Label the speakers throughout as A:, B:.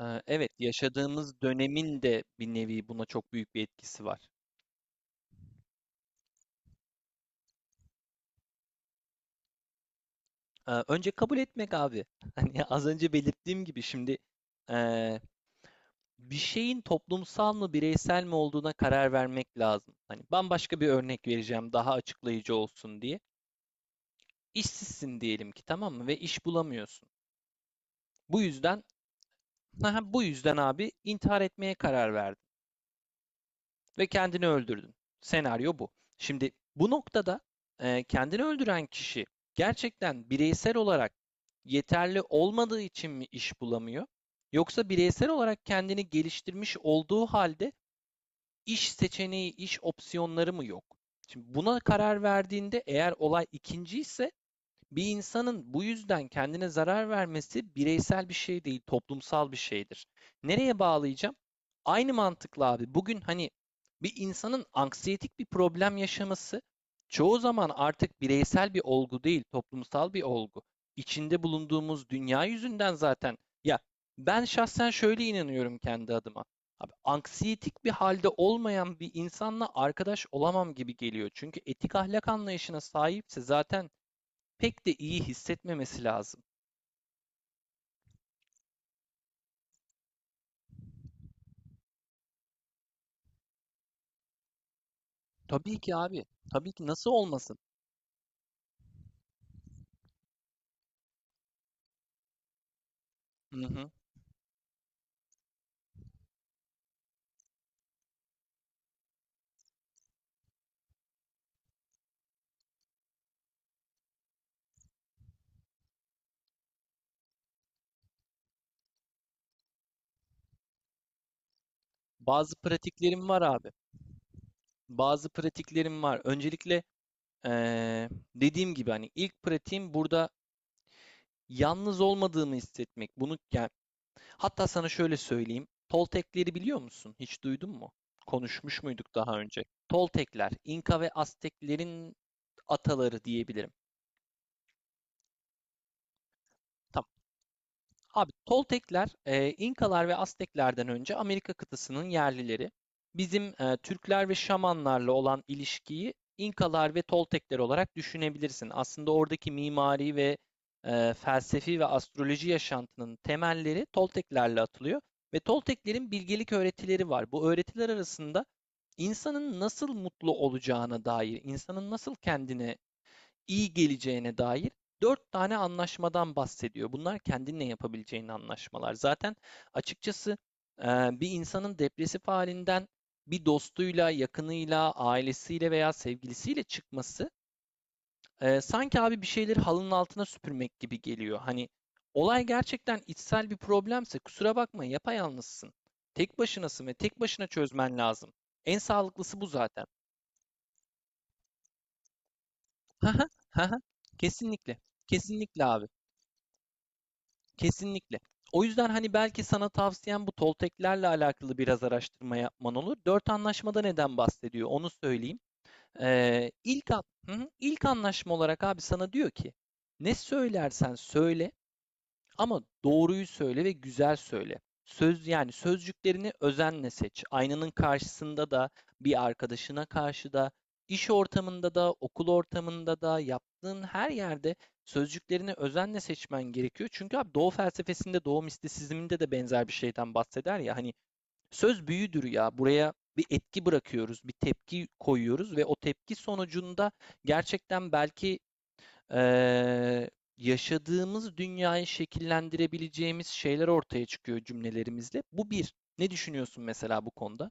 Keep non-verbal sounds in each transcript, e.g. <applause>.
A: Evet, yaşadığımız dönemin de bir nevi buna çok büyük bir etkisi var. Önce kabul etmek abi. <laughs> Hani az önce belirttiğim gibi şimdi eee, bir şeyin toplumsal mı bireysel mi olduğuna karar vermek lazım. Hani bambaşka bir örnek vereceğim daha açıklayıcı olsun diye. İşsizsin diyelim ki, tamam mı, ve iş bulamıyorsun. Bu yüzden <laughs> bu yüzden abi intihar etmeye karar verdin ve kendini öldürdün. Senaryo bu. Şimdi bu noktada kendini öldüren kişi gerçekten bireysel olarak yeterli olmadığı için mi iş bulamıyor? Yoksa bireysel olarak kendini geliştirmiş olduğu halde iş seçeneği, iş opsiyonları mı yok? Şimdi buna karar verdiğinde, eğer olay ikinci ise, bir insanın bu yüzden kendine zarar vermesi bireysel bir şey değil, toplumsal bir şeydir. Nereye bağlayacağım? Aynı mantıkla abi. Bugün hani bir insanın anksiyetik bir problem yaşaması çoğu zaman artık bireysel bir olgu değil, toplumsal bir olgu. İçinde bulunduğumuz dünya yüzünden zaten. Ya, ben şahsen şöyle inanıyorum kendi adıma. Abi, anksiyetik bir halde olmayan bir insanla arkadaş olamam gibi geliyor. Çünkü etik ahlak anlayışına sahipse zaten pek de iyi hissetmemesi lazım. Tabii ki abi. Tabii ki, nasıl olmasın? Hı hı. Bazı pratiklerim var abi. Bazı pratiklerim var. Öncelikle eee, dediğim gibi hani ilk pratiğim burada yalnız olmadığımı hissetmek. Bunu yani, hatta sana şöyle söyleyeyim. Toltekleri biliyor musun? Hiç duydun mu? Konuşmuş muyduk daha önce? Toltekler, İnka ve Azteklerin ataları diyebilirim. Tamam. Abi Toltekler, İnkalar ve Azteklerden önce Amerika kıtasının yerlileri. Bizim Türkler ve Şamanlarla olan ilişkiyi İnkalar ve Toltekler olarak düşünebilirsin. Aslında oradaki mimari ve felsefi ve astroloji yaşantının temelleri Tolteklerle atılıyor ve Tolteklerin bilgelik öğretileri var. Bu öğretiler arasında insanın nasıl mutlu olacağına dair, insanın nasıl kendine iyi geleceğine dair dört tane anlaşmadan bahsediyor. Bunlar kendinle yapabileceğin anlaşmalar. Zaten açıkçası e, bir insanın depresif halinden bir dostuyla, yakınıyla, ailesiyle veya sevgilisiyle çıkması, sanki abi bir şeyleri halının altına süpürmek gibi geliyor. Hani olay gerçekten içsel bir problemse, kusura bakma, yapayalnızsın. Tek başınasın ve tek başına çözmen lazım. En sağlıklısı bu zaten. <laughs> Haha, haha. Kesinlikle. Kesinlikle abi. Kesinlikle. O yüzden hani belki sana tavsiyem bu Tolteklerle alakalı biraz araştırma yapman olur. Dört anlaşmada neden bahsediyor onu söyleyeyim. Hı hı. ilk anlaşma olarak abi sana diyor ki, ne söylersen söyle ama doğruyu söyle ve güzel söyle. Söz, yani sözcüklerini özenle seç. Aynanın karşısında da, bir arkadaşına karşı da, iş ortamında da, okul ortamında da, yaptığın her yerde sözcüklerini özenle seçmen gerekiyor. Çünkü abi Doğu felsefesinde, Doğu mistisizminde de benzer bir şeyden bahseder ya. Hani söz büyüdür ya. Buraya bir etki bırakıyoruz, bir tepki koyuyoruz ve o tepki sonucunda gerçekten belki eee, yaşadığımız dünyayı şekillendirebileceğimiz şeyler ortaya çıkıyor cümlelerimizle. Bu bir. Ne düşünüyorsun mesela bu konuda?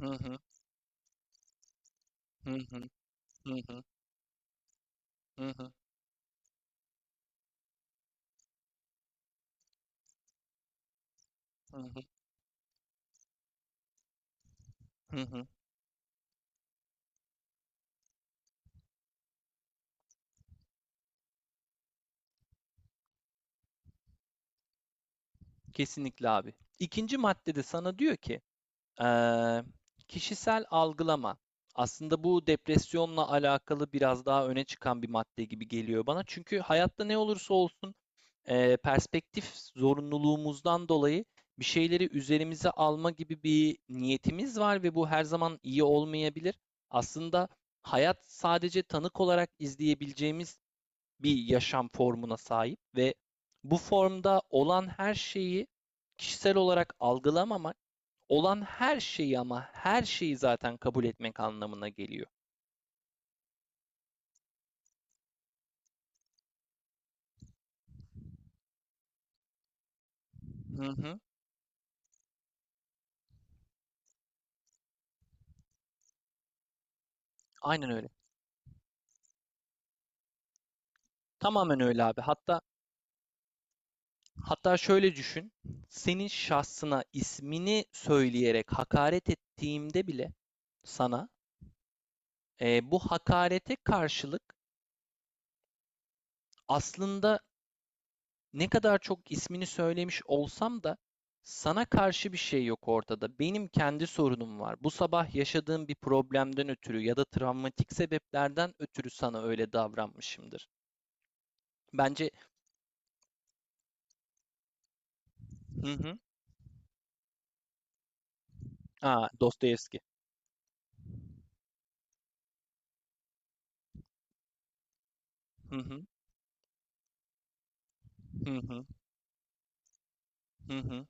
A: Hı hı, hı hı, hı hı, hı hı, hı hı, hı hı. Kesinlikle abi. İkinci maddede sana diyor ki, Eee, kişisel algılama. Aslında bu depresyonla alakalı biraz daha öne çıkan bir madde gibi geliyor bana. Çünkü hayatta ne olursa olsun, perspektif zorunluluğumuzdan dolayı bir şeyleri üzerimize alma gibi bir niyetimiz var ve bu her zaman iyi olmayabilir. Aslında hayat sadece tanık olarak izleyebileceğimiz bir yaşam formuna sahip ve bu formda olan her şeyi kişisel olarak algılamamak, olan her şeyi, ama her şeyi, zaten kabul etmek anlamına geliyor. Hı hı. Aynen öyle. Tamamen öyle abi. Hatta şöyle düşün. Senin şahsına ismini söyleyerek hakaret ettiğimde bile sana, bu hakarete karşılık, aslında ne kadar çok ismini söylemiş olsam da sana karşı bir şey yok ortada. Benim kendi sorunum var. Bu sabah yaşadığım bir problemden ötürü ya da travmatik sebeplerden ötürü sana öyle davranmışımdır. Bence hı hı. Aa, Dostoyevski. Hı hı. Hı hı. Hı hı.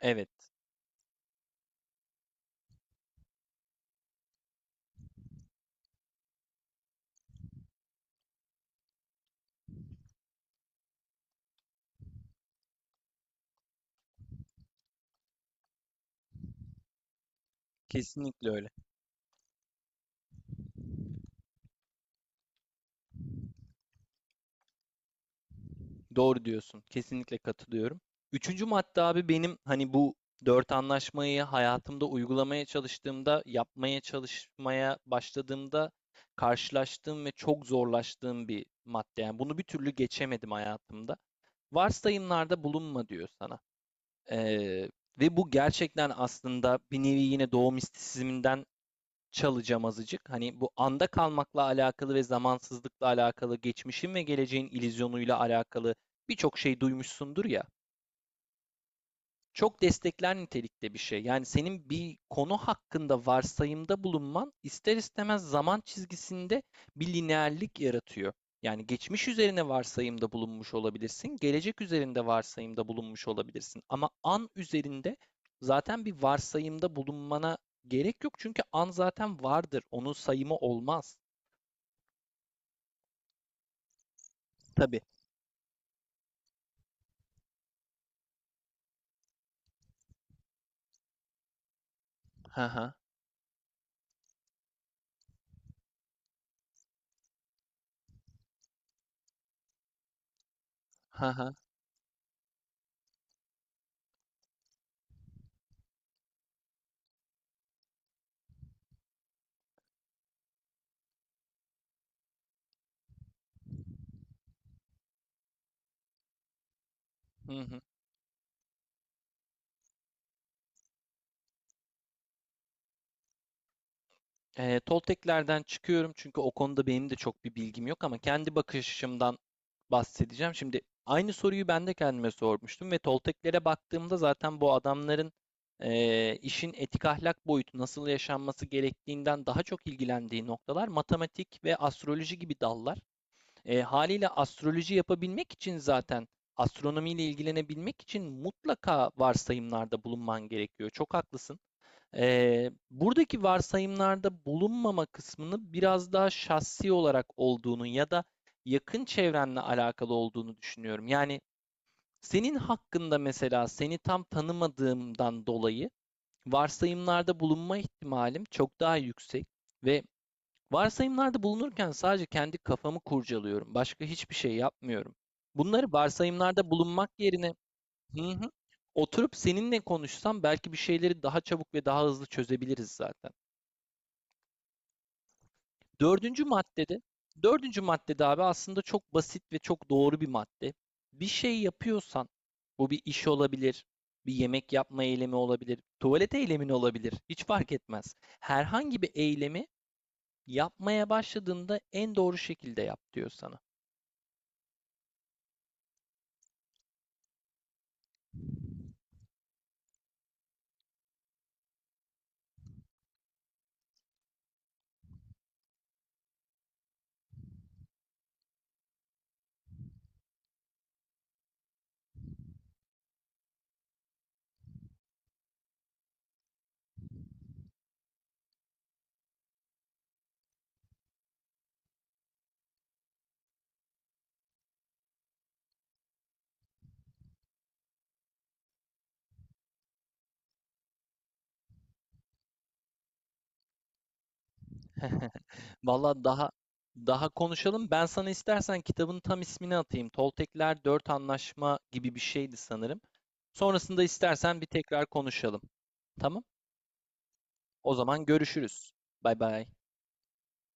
A: Evet. Kesinlikle öyle. Doğru diyorsun. Kesinlikle katılıyorum. Üçüncü madde abi, benim hani bu dört anlaşmayı hayatımda uygulamaya çalıştığımda, yapmaya çalışmaya başladığımda karşılaştığım ve çok zorlaştığım bir madde. Yani bunu bir türlü geçemedim hayatımda. Varsayımlarda bulunma diyor sana. Ee, Ve bu gerçekten aslında bir nevi yine doğu mistisizminden çalacağım azıcık. Hani bu anda kalmakla alakalı ve zamansızlıkla alakalı, geçmişin ve geleceğin illüzyonuyla alakalı birçok şey duymuşsundur ya, çok destekler nitelikte bir şey. Yani senin bir konu hakkında varsayımda bulunman, ister istemez zaman çizgisinde bir lineerlik yaratıyor. Yani geçmiş üzerine varsayımda bulunmuş olabilirsin, gelecek üzerinde varsayımda bulunmuş olabilirsin. Ama an üzerinde zaten bir varsayımda bulunmana gerek yok, çünkü an zaten vardır. Onun sayımı olmaz. Tabii. Ha ha. Ha ha. Hı hı. Tolteklerden çıkıyorum, çünkü o konuda benim de çok bir bilgim yok, ama kendi bakış açımdan bahsedeceğim. Şimdi aynı soruyu ben de kendime sormuştum ve Tolteklere baktığımda zaten bu adamların, işin etik ahlak boyutu nasıl yaşanması gerektiğinden daha çok ilgilendiği noktalar matematik ve astroloji gibi dallar. Haliyle astroloji yapabilmek için, zaten astronomiyle ilgilenebilmek için mutlaka varsayımlarda bulunman gerekiyor. Çok haklısın. Buradaki varsayımlarda bulunmama kısmını biraz daha şahsi olarak olduğunu ya da yakın çevrenle alakalı olduğunu düşünüyorum. Yani senin hakkında mesela, seni tam tanımadığımdan dolayı varsayımlarda bulunma ihtimalim çok daha yüksek ve varsayımlarda bulunurken sadece kendi kafamı kurcalıyorum. Başka hiçbir şey yapmıyorum. Bunları varsayımlarda bulunmak yerine hı hı, oturup seninle konuşsam belki bir şeyleri daha çabuk ve daha hızlı çözebiliriz zaten. Dördüncü maddede, dördüncü maddede abi aslında çok basit ve çok doğru bir madde. Bir şey yapıyorsan, bu bir iş olabilir, bir yemek yapma eylemi olabilir, tuvalet eylemin olabilir, hiç fark etmez. Herhangi bir eylemi yapmaya başladığında en doğru şekilde yap diyor sana. <laughs> Valla daha konuşalım. Ben sana istersen kitabın tam ismini atayım. Toltekler Dört Anlaşma gibi bir şeydi sanırım. Sonrasında istersen bir tekrar konuşalım. Tamam? O zaman görüşürüz. Bay bay.